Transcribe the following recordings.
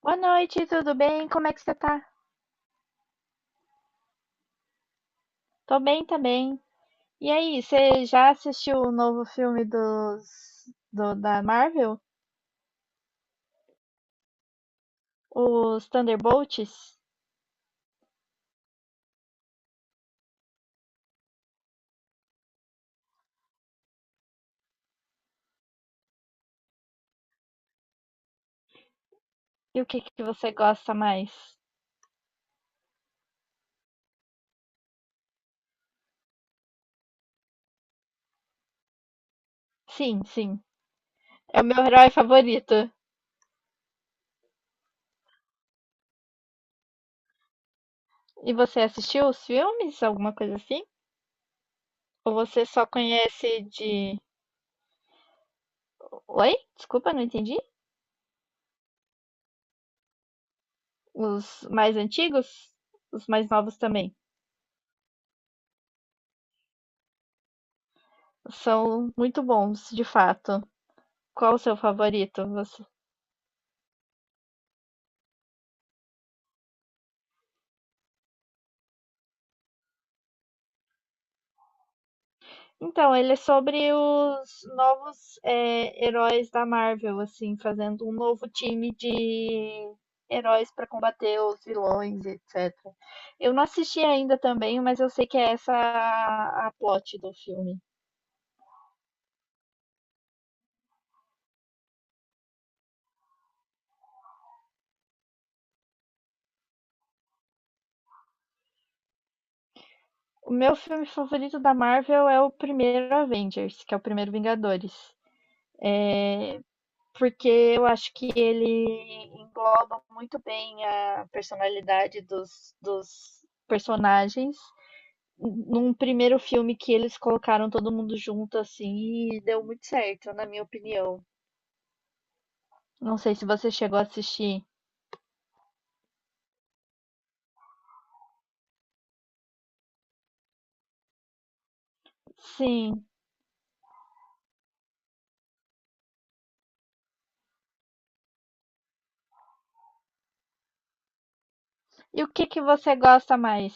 Boa noite, tudo bem? Como é que você tá? Tô bem também. E aí, você já assistiu o novo filme da Marvel? Os Thunderbolts? E o que que você gosta mais? Sim, sim. É o meu herói favorito. E você assistiu os filmes? Alguma coisa assim? Ou você só conhece de. Oi? Desculpa, não entendi. Os mais antigos? Os mais novos também. São muito bons, de fato. Qual o seu favorito? Então, ele é sobre os novos, heróis da Marvel, assim, fazendo um novo time de heróis para combater os vilões, etc. Eu não assisti ainda também, mas eu sei que é essa a plot do filme. O meu filme favorito da Marvel é o primeiro Avengers, que é o primeiro Vingadores. Porque eu acho que ele engloba muito bem a personalidade dos personagens num primeiro filme que eles colocaram todo mundo junto assim e deu muito certo, na minha opinião. Não sei se você chegou a assistir. Sim. E o que que você gosta mais?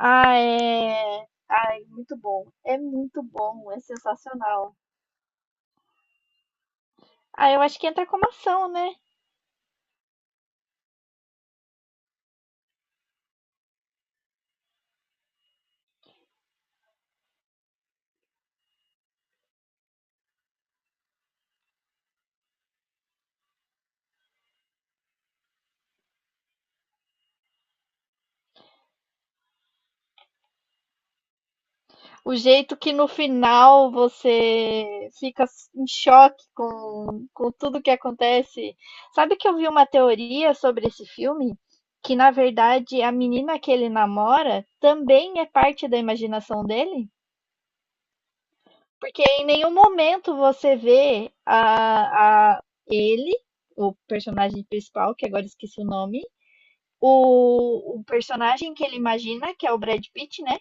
Ah, é. Ai, muito bom. É muito bom, é sensacional. Ah, eu acho que entra como ação, né? O jeito que no final você fica em choque com tudo que acontece. Sabe que eu vi uma teoria sobre esse filme? Que na verdade a menina que ele namora também é parte da imaginação dele? Porque em nenhum momento você vê ele, o personagem principal, que agora esqueci o nome, o personagem que ele imagina, que é o Brad Pitt, né?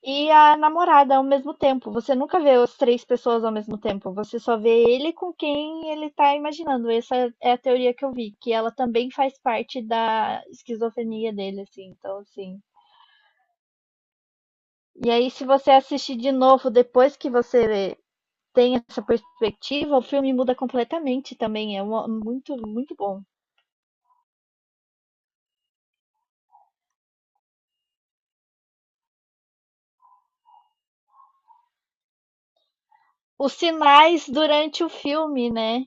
E a namorada ao mesmo tempo. Você nunca vê as três pessoas ao mesmo tempo. Você só vê ele com quem ele tá imaginando. Essa é a teoria que eu vi, que ela também faz parte da esquizofrenia dele, assim. Então, assim. E aí, se você assistir de novo depois que você tem essa perspectiva, o filme muda completamente também. É muito, muito bom. Os sinais durante o filme, né?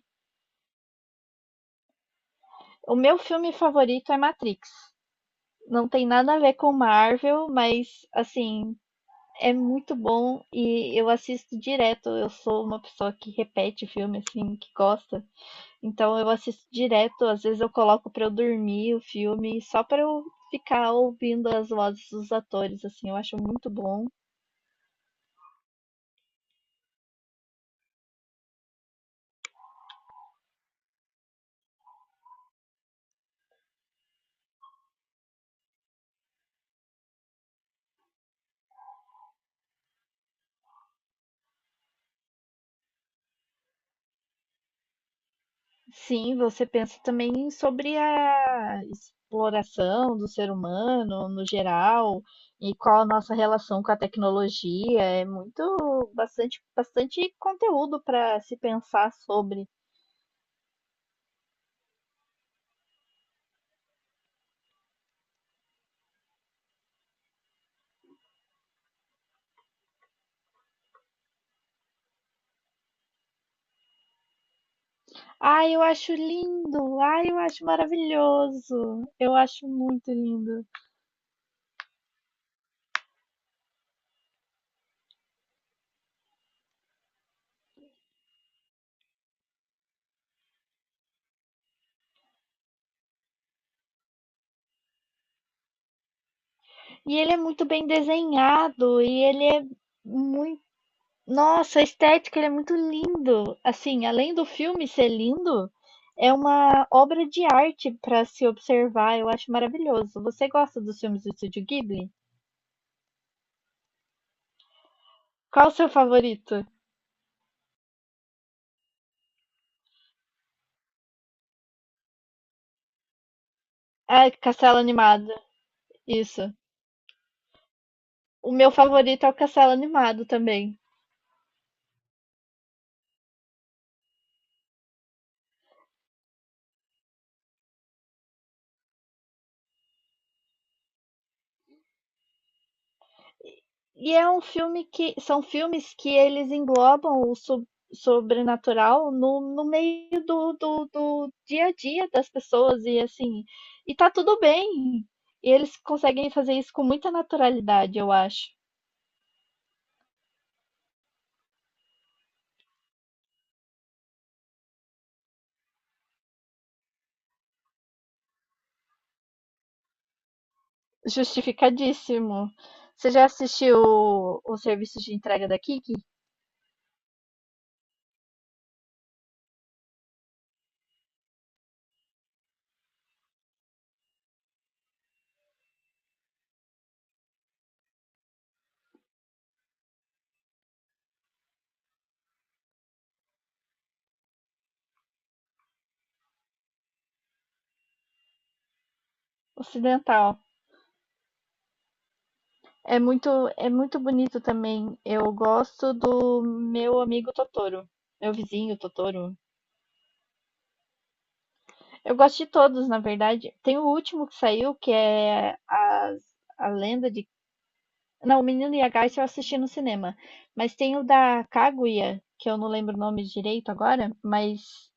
O meu filme favorito é Matrix. Não tem nada a ver com Marvel, mas assim, é muito bom e eu assisto direto. Eu sou uma pessoa que repete filme, assim, que gosta. Então eu assisto direto. Às vezes eu coloco pra eu dormir o filme, só pra eu ficar ouvindo as vozes dos atores, assim. Eu acho muito bom. Sim, você pensa também sobre a exploração do ser humano no geral e qual a nossa relação com a tecnologia. É muito, bastante, bastante conteúdo para se pensar sobre. Ai, eu acho lindo! Ai, eu acho maravilhoso! Eu acho muito lindo. E ele é muito bem desenhado e ele é muito. Nossa, a estética, ele é muito lindo. Assim, além do filme ser lindo, é uma obra de arte para se observar. Eu acho maravilhoso. Você gosta dos filmes do Estúdio Ghibli? Qual o seu favorito? É Castelo Animado. Isso. O meu favorito é o Castelo Animado também. E é um filme que são filmes que eles englobam o sobrenatural no, no meio do dia a dia das pessoas e assim, e tá tudo bem. E eles conseguem fazer isso com muita naturalidade, eu acho. Justificadíssimo. Você já assistiu o serviço de entrega da Kiki? Ocidental. É muito, é muito bonito também. Eu gosto do meu amigo Totoro, meu vizinho Totoro. Eu gosto de todos, na verdade. Tem o último que saiu, que é as, a lenda de. Não, o Menino e a Garça eu assisti no cinema. Mas tem o da Kaguya, que eu não lembro o nome direito agora, mas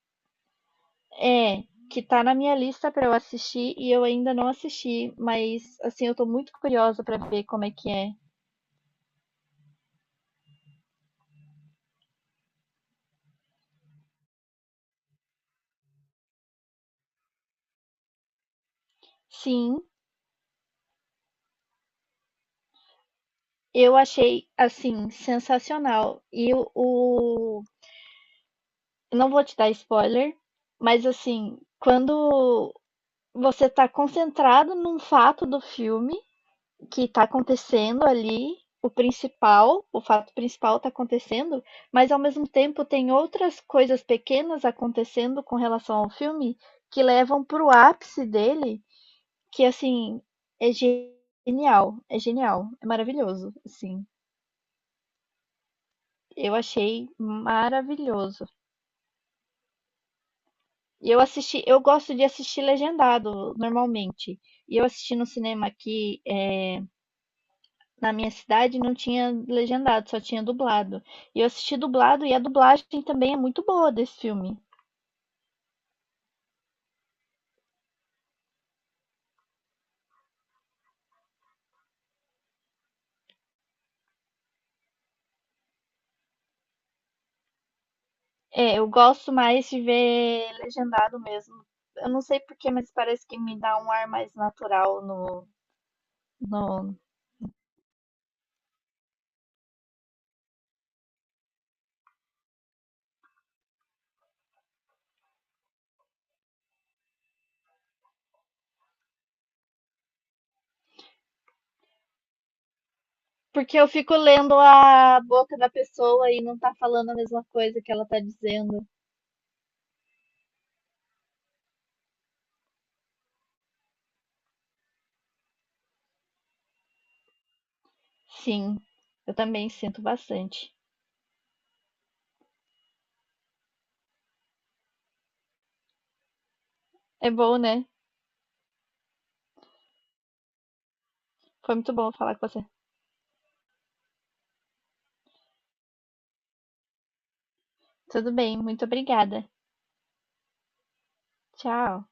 é, que tá na minha lista pra eu assistir e eu ainda não assisti. Mas, assim, eu tô muito curiosa pra ver como é que é. Sim, eu achei, assim, sensacional. Não vou te dar spoiler, mas assim, quando você tá concentrado num fato do filme que tá acontecendo ali, o principal, o fato principal tá acontecendo, mas ao mesmo tempo tem outras coisas pequenas acontecendo com relação ao filme que levam pro ápice dele, que assim, é genial, é genial, é maravilhoso, assim. Eu achei maravilhoso. E eu assisti, eu gosto de assistir legendado normalmente. E eu assisti no cinema aqui na minha cidade não tinha legendado, só tinha dublado. E eu assisti dublado e a dublagem também é muito boa desse filme. É, eu gosto mais de ver legendado mesmo. Eu não sei porquê, mas parece que me dá um ar mais natural no... Porque eu fico lendo a boca da pessoa e não tá falando a mesma coisa que ela tá dizendo. Sim, eu também sinto bastante. É bom, né? Foi muito bom falar com você. Tudo bem, muito obrigada. Tchau.